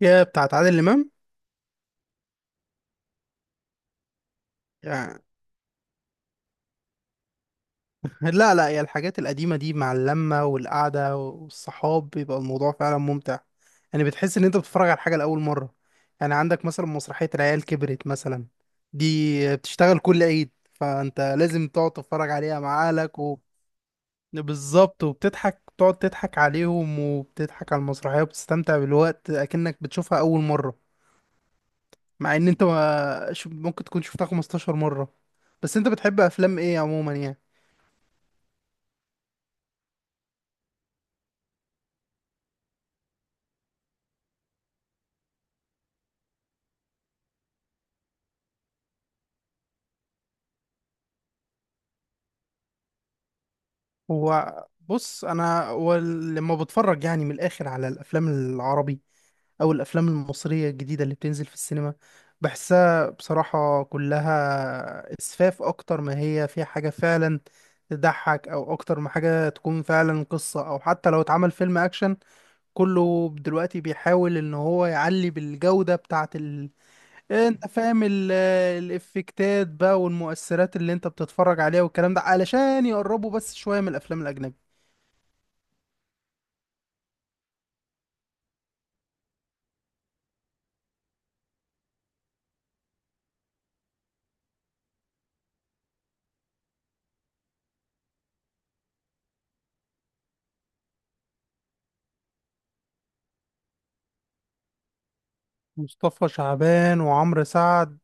يا بتاعت عادل امام. يعني لا يا الحاجات القديمه دي مع اللمه والقعده والصحاب بيبقى الموضوع فعلا ممتع. يعني بتحس ان انت بتتفرج على حاجه لاول مره، يعني عندك مثلا مسرحيه العيال كبرت مثلا. دي بتشتغل كل عيد فانت لازم تقعد تتفرج عليها مع اهلك و... بالظبط، وبتضحك، بتقعد تضحك عليهم وبتضحك على المسرحيه وبتستمتع بالوقت اكنك بتشوفها اول مره. مع ان انت ما... ممكن تكون شفتها 15 مره. بس انت بتحب افلام ايه عموما يعني؟ هو بص، انا لما بتفرج يعني من الاخر على الافلام العربي او الافلام المصريه الجديده اللي بتنزل في السينما، بحسها بصراحه كلها اسفاف اكتر ما هي فيها حاجه فعلا تضحك، او اكتر ما حاجه تكون فعلا قصه، او حتى لو اتعمل فيلم اكشن كله دلوقتي بيحاول ان هو يعلي بالجوده بتاعه انت فاهم الافكتات بقى والمؤثرات اللي انت بتتفرج عليها والكلام ده علشان يقربوا بس شويه من الافلام الاجنبيه. مصطفى شعبان وعمرو سعد.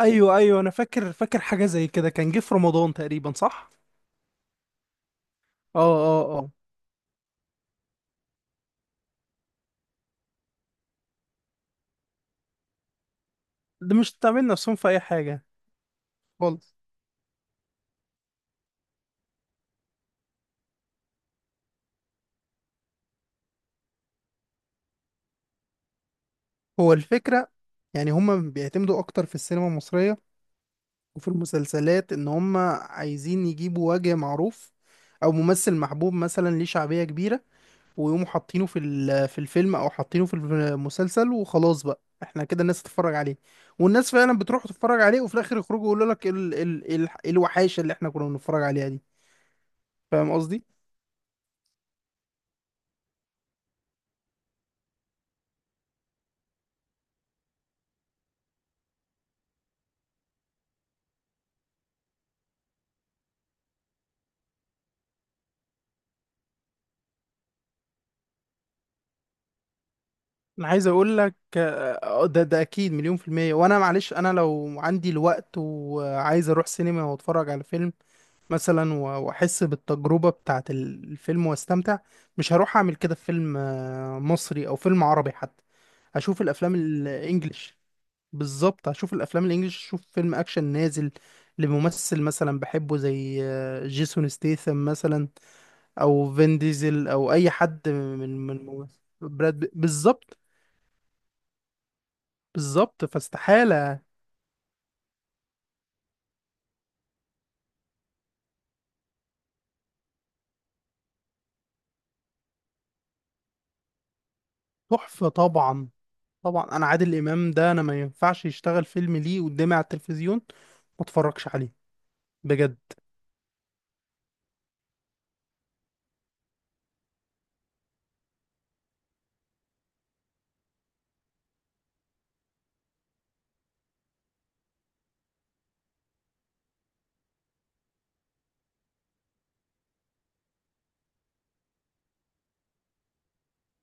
ايوه ايوه، انا فاكر حاجه زي كده كان جه في رمضان تقريبا، صح؟ اه اه اه. ده مش تعمل نفسهم في اي حاجه خالص. هو الفكرة، يعني هما بيعتمدوا أكتر في السينما المصرية وفي المسلسلات إن هما عايزين يجيبوا وجه معروف أو ممثل محبوب مثلا ليه شعبية كبيرة، ويقوموا حاطينه في الفيلم او حاطينه في المسلسل وخلاص بقى احنا كده الناس تتفرج عليه. والناس فعلا بتروح تتفرج عليه وفي الاخر يخرجوا يقولوا لك ال ال ال إيه الوحاشه اللي احنا كنا بنتفرج عليها دي. فاهم قصدي؟ انا عايز اقول لك آه، آه، ده اكيد مليون في المية. وانا معلش انا لو عندي الوقت وعايز اروح سينما واتفرج على فيلم مثلا، واحس بالتجربه بتاعت الفيلم واستمتع، مش هروح اعمل كده في فيلم آه، مصري او فيلم عربي حتى. اشوف الافلام الانجليش. بالظبط، هشوف الافلام الانجليش، اشوف فيلم اكشن نازل لممثل مثلا بحبه زي آه، جيسون ستيثم مثلا، او فين ديزل، او اي حد من براد بالظبط. بالظبط، فاستحالة. تحفة طبعا. طبعا انا عادل امام ده انا ما ينفعش يشتغل فيلم ليه قدامي على التلفزيون ما اتفرجش عليه، بجد.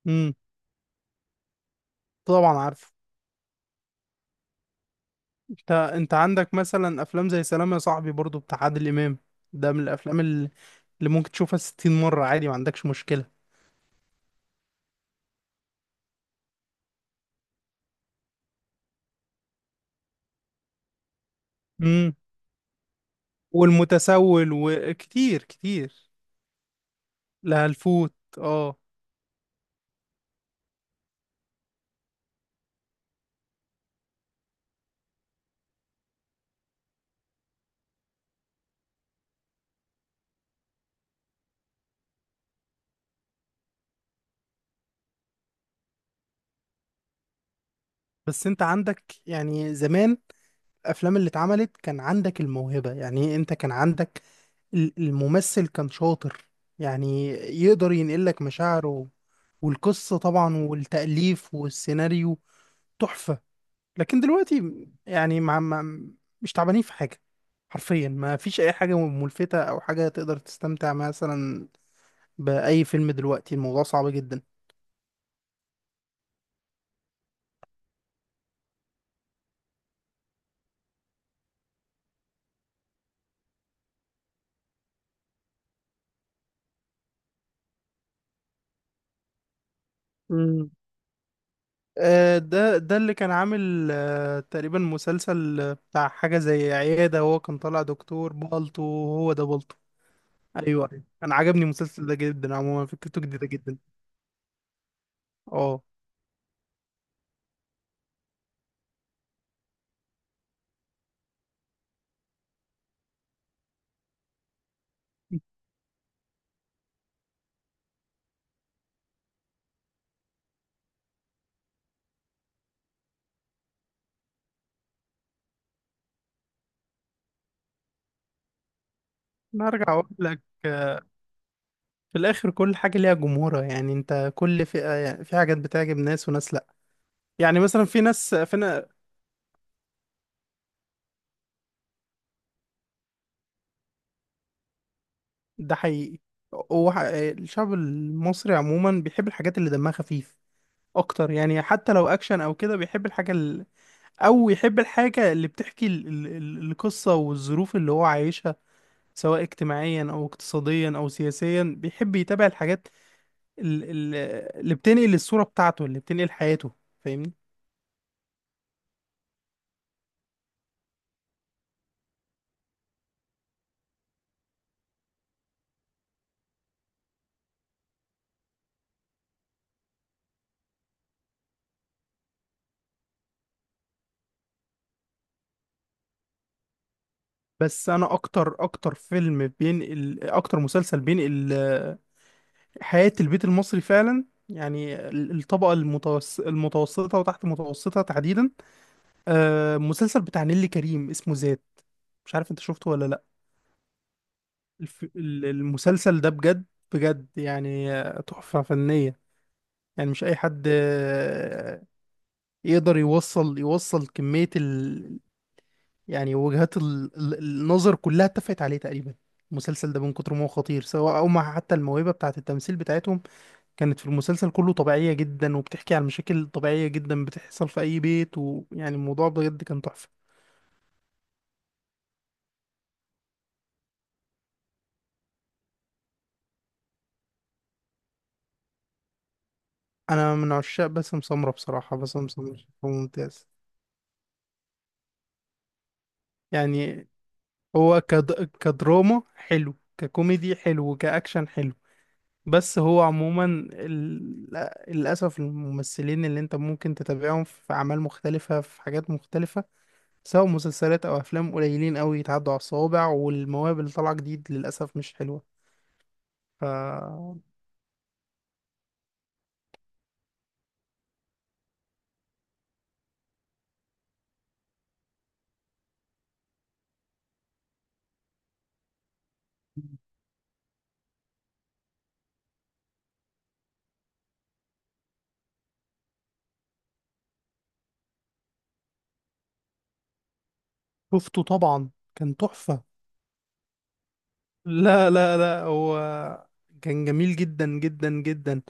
امم. طبعا عارف. انت انت عندك مثلا افلام زي سلام يا صاحبي برضو بتاع عادل امام. ده من الافلام اللي اللي ممكن تشوفها 60 مرة عادي، ما عندكش مشكلة. امم. والمتسول وكتير كتير. لا الفوت، اه. بس انت عندك يعني زمان الافلام اللي اتعملت كان عندك الموهبة، يعني إيه؟ انت كان عندك الممثل كان شاطر، يعني يقدر ينقل لك مشاعره. والقصة طبعا والتأليف والسيناريو. تحفة. لكن دلوقتي، يعني مع مش تعبانين في حاجة، حرفيا ما فيش أي حاجة ملفتة أو حاجة تقدر تستمتع مثلا بأي فيلم. دلوقتي الموضوع صعب جدا. مم. آه، ده اللي كان عامل آه، تقريبا مسلسل آه، بتاع حاجة زي عيادة. هو كان طالع دكتور بالطو. هو ده بالطو. أيوه أيوة. أنا عجبني المسلسل ده جدا، عموما فكرته جديدة جدا. اه، أنا هرجع أقول لك آه، في الآخر كل حاجة ليها جمهورها، يعني أنت كل فئة، يعني في حاجات بتعجب ناس وناس لأ. يعني مثلا في ناس فينا. ده حقيقي. الشعب المصري عموما بيحب الحاجات اللي دمها خفيف أكتر، يعني حتى لو أكشن أو كده بيحب الحاجة. او يحب الحاجة اللي بتحكي القصة والظروف اللي هو عايشها، سواء اجتماعيا او اقتصاديا او سياسيا. بيحب يتابع الحاجات ال- ال- اللي بتنقل الصورة بتاعته، اللي بتنقل حياته. فاهمني؟ بس انا اكتر اكتر فيلم بينقل، اكتر مسلسل بينقل آه، حياة البيت المصري فعلا، يعني الطبقة المتوس... المتوسطة وتحت المتوسطة تحديدا، آه، مسلسل بتاع نيللي كريم اسمه ذات. مش عارف انت شفته ولا لا؟ الف... المسلسل ده بجد، بجد، يعني آه، تحفة فنية. يعني مش أي حد آه، يقدر يوصل، يوصل كمية يعني وجهات النظر كلها اتفقت عليه تقريبا. المسلسل ده من كتر ما هو خطير، سواء أو مع حتى الموهبة بتاعة التمثيل بتاعتهم كانت في المسلسل كله طبيعية جدا، وبتحكي عن مشاكل طبيعية جدا بتحصل في أي بيت، ويعني الموضوع بجد كان تحفة. أنا من عشاق باسم سمرة بصراحة، باسم سمرة هو ممتاز. يعني هو كد... كدراما حلو، ككوميدي حلو، كأكشن حلو. بس هو عموما ال- للأسف الممثلين اللي انت ممكن تتابعهم في أعمال مختلفة في حاجات مختلفة، سواء مسلسلات أو أفلام، قليلين أوي، يتعدوا على الصوابع. والمواهب اللي طالعة جديد للأسف مش حلوة. ف شفته طبعا، كان تحفة. لا لا لا، هو كان جميل جدا جدا جدا.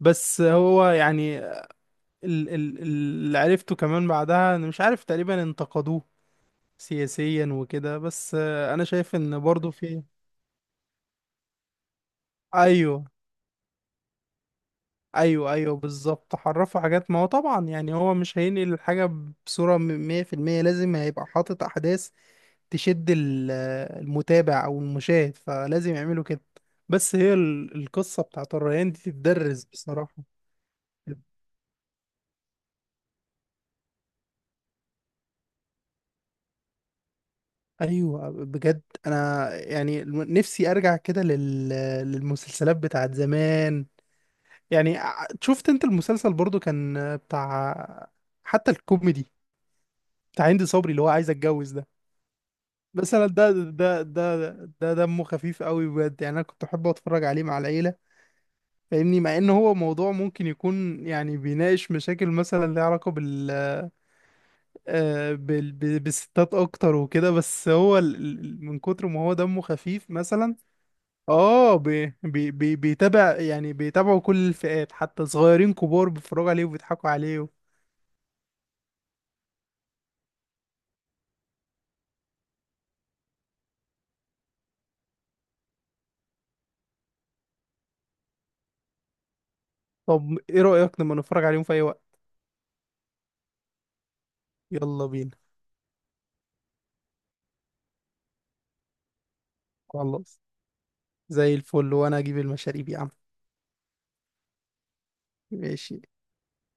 بس هو يعني اللي عرفته كمان بعدها انا مش عارف، تقريبا انتقدوه سياسيا وكده، بس آه، انا شايف ان برضو في. ايوه ايوه. ايوه بالظبط، حرفوا حاجات، ما هو طبعا يعني هو مش هينقل الحاجة بصورة مية في المية، لازم هيبقى حاطط احداث تشد آه، المتابع او المشاهد، فلازم يعملوا كده. بس هي القصة بتاعت الريان دي تتدرس بصراحة. ايوه بجد، انا يعني نفسي ارجع كده للمسلسلات بتاعت زمان. يعني شفت انت المسلسل برضو كان بتاع، حتى الكوميدي بتاع هند صبري اللي هو عايز اتجوز ده. بس انا ده ده دمه خفيف قوي بجد، يعني انا كنت احب اتفرج عليه مع العيله. فاهمني؟ مع ان هو موضوع ممكن يكون يعني بيناقش مشاكل مثلا ليها علاقه بال آه، بالستات اكتر وكده، بس هو من كتر ما هو دمه خفيف مثلا. اه، بيتابع، يعني بيتابعوا كل الفئات حتى صغيرين كبار بيتفرجوا عليه وبيضحكوا عليه. طب ايه رأيك لما نتفرج عليهم في اي وقت؟ يلا بينا. خلاص، زي الفل، وانا اجيب المشاريب يا عم. ماشي.